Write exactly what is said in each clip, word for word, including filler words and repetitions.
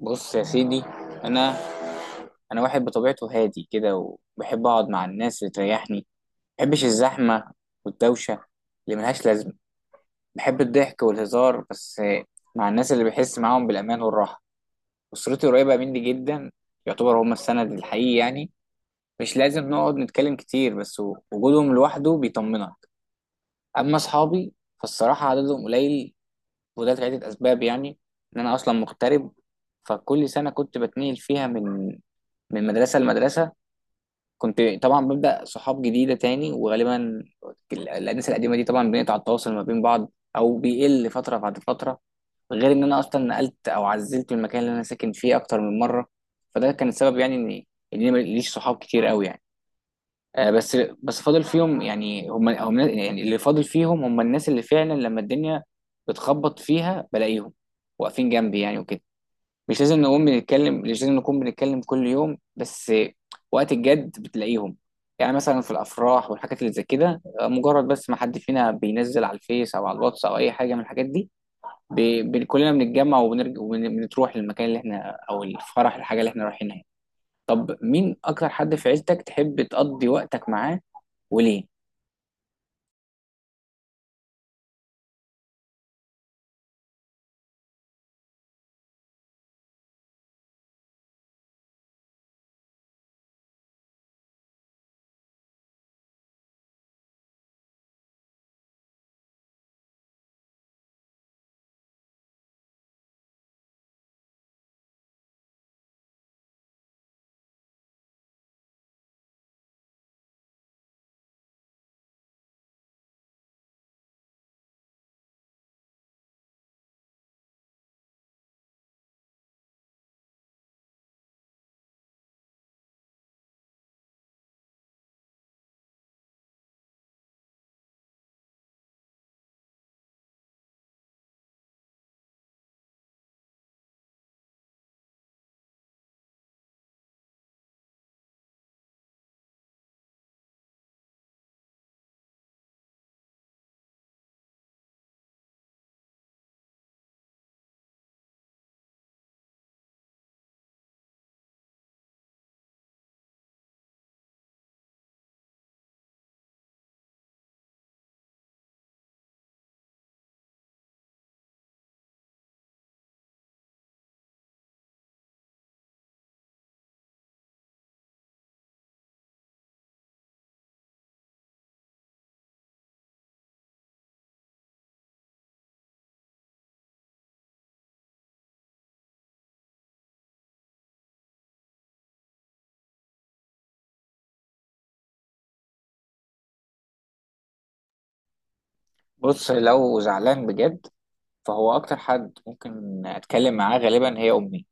بص يا سيدي. انا انا واحد بطبيعته هادي كده، وبحب اقعد مع الناس اللي تريحني. ما بحبش الزحمه والدوشه اللي ملهاش لازمه. بحب الضحك والهزار، بس مع الناس اللي بحس معاهم بالامان والراحه. اسرتي قريبه مني جدا، يعتبر هم السند الحقيقي يعني. مش لازم نقعد نتكلم كتير، بس وجودهم لوحده بيطمنك. اما اصحابي فالصراحه عددهم قليل، وده لعدة أسباب يعني. إن أنا أصلا مغترب، فكل سنة كنت بتنقل فيها من من مدرسة لمدرسة. كنت طبعا ببدأ صحاب جديدة تاني، وغالبا ال- الناس القديمة دي طبعا بنقطع التواصل ما بين بعض أو بيقل فترة بعد فترة. غير إن أنا أصلا نقلت أو عزلت من المكان اللي أنا ساكن فيه أكتر من مرة. فده كان السبب يعني إن إن أنا ماليش صحاب كتير أوي يعني. آه، بس بس فاضل فيهم يعني، هم هم يعني اللي فاضل فيهم هم الناس اللي فعلا لما الدنيا بتخبط فيها بلاقيهم واقفين جنبي يعني وكده. مش لازم نقوم بنتكلم، مش لازم نكون بنتكلم كل يوم، بس وقت الجد بتلاقيهم. يعني مثلا في الافراح والحاجات اللي زي كده، آه، مجرد بس ما حد فينا بينزل على الفيس او على الواتس او اي حاجه من الحاجات دي، ب... ب... كلنا بنتجمع وبنرجع وبنروح للمكان اللي احنا او الفرح الحاجه اللي احنا رايحينها. طب مين اكتر حد في عيلتك تحب تقضي وقتك معاه، وليه؟ بص، لو زعلان بجد فهو اكتر حد ممكن اتكلم معاه غالبا هي امي،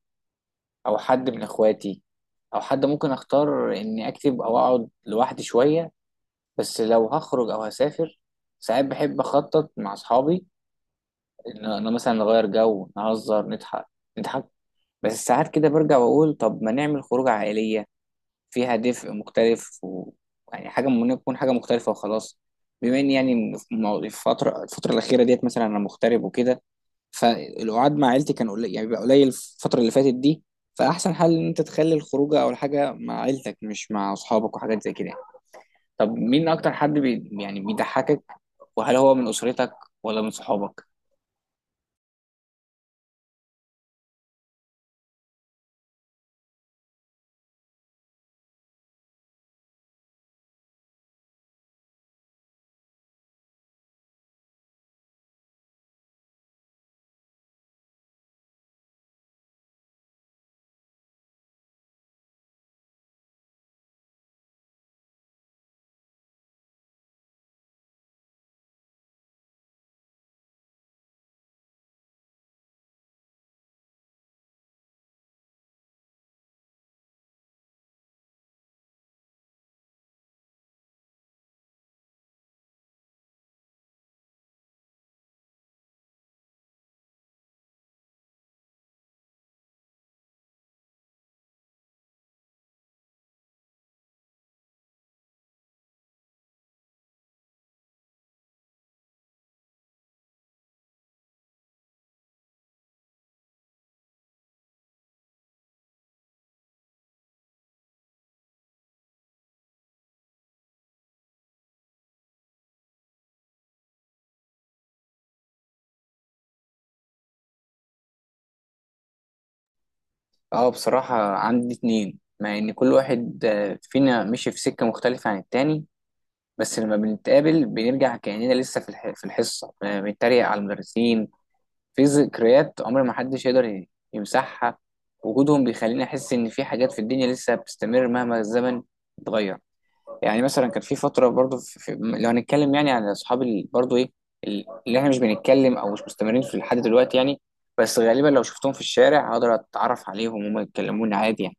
او حد من اخواتي، او حد ممكن اختار اني اكتب او اقعد لوحدي شويه. بس لو هخرج او هسافر، ساعات بحب اخطط مع اصحابي ان انا مثلا نغير جو، نهزر، نضحك نضحك. بس ساعات كده برجع واقول طب ما نعمل خروجه عائليه فيها دفء مختلف، و... يعني حاجه ممكن تكون حاجه مختلفه وخلاص. بما اني يعني في مو- في الفتره الفتره الاخيره ديت مثلا انا مغترب وكده، فالقعاد مع عيلتي كان قليل، يعني بيبقى قليل الفترة اللي فاتت دي. فأحسن حل إن أنت تخلي الخروجة أو الحاجة مع عيلتك مش مع أصحابك وحاجات زي كده. طب مين أكتر حد بي يعني بيضحكك، وهل هو من أسرتك ولا من صحابك؟ أه، بصراحة عندي اتنين، مع إن كل واحد آه، فينا مشي في سكة مختلفة عن التاني. بس لما بنتقابل بنرجع كأننا لسه في الح- في الحصة آه، بنتريق على المدرسين. في ذكريات عمر ما حدش يقدر ي- يمسحها. وجودهم بيخليني احس ان في حاجات في الدنيا لسه بتستمر مهما الزمن اتغير. يعني مثلا كان في فتره برضو في في لو هنتكلم يعني عن اصحاب ال- برضو ايه، ال- اللي احنا مش بنتكلم او مش مستمرين في لحد دلوقتي يعني. بس غالبا لو شفتهم في الشارع هقدر اتعرف عليهم وهم يتكلموني عادي يعني.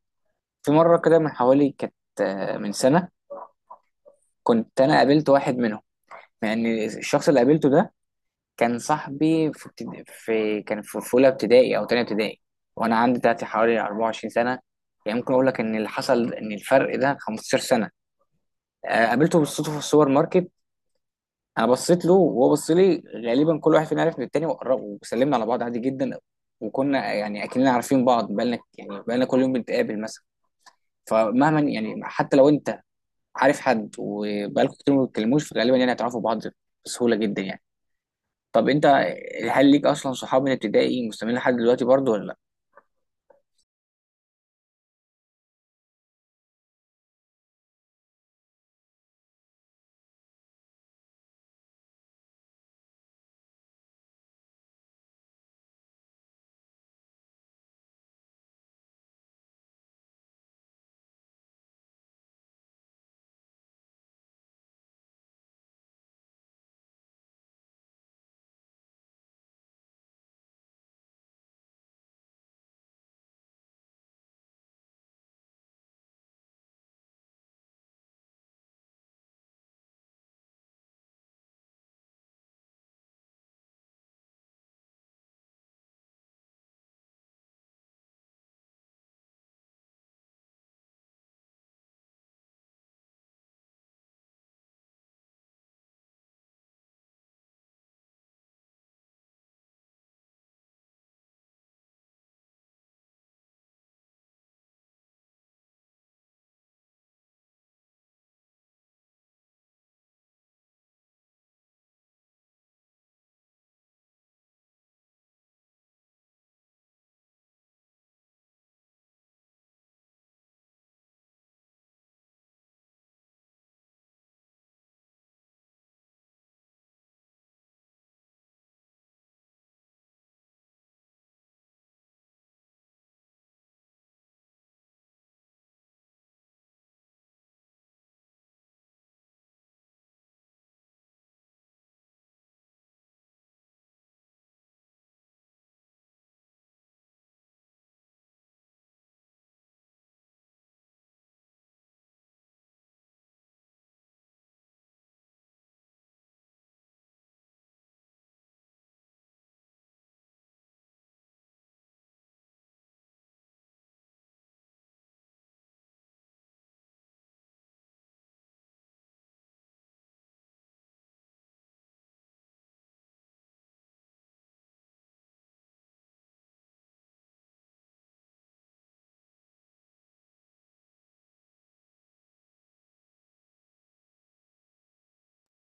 في مره كده من حوالي كانت آه، من سنه، كنت انا قابلت واحد منهم. يعني الشخص اللي قابلته ده كان صاحبي في, ابتد... في كان في في اولى ابتدائي او تانية ابتدائي. وانا عندي دلوقتي حوالي أربعة وعشرين سنه. يعني ممكن اقول لك ان اللي حصل ان الفرق ده خمسة عشر سنه. آه، قابلته بالصدفه في السوبر ماركت. انا بصيت له وهو بص لي، غالبا كل واحد فينا عرف من التاني، وقرب وسلمنا على بعض عادي جدا. وكنا يعني اكننا عارفين بعض بقالنا يعني بقالنا كل يوم بنتقابل مثلا. فمهما يعني حتى لو انت عارف حد وبقالكم كتير ما بتتكلموش، فغالبا يعني هتعرفوا بعض بسهوله جدا يعني. طب انت، هل ليك اصلا صحاب من ابتدائي مستمرين لحد دلوقتي برضو ولا لا؟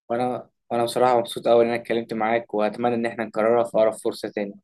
وانا وانا بصراحه مبسوط قوي ان انا اتكلمت معاك، واتمنى ان احنا نكررها في اقرب فرصه تاني.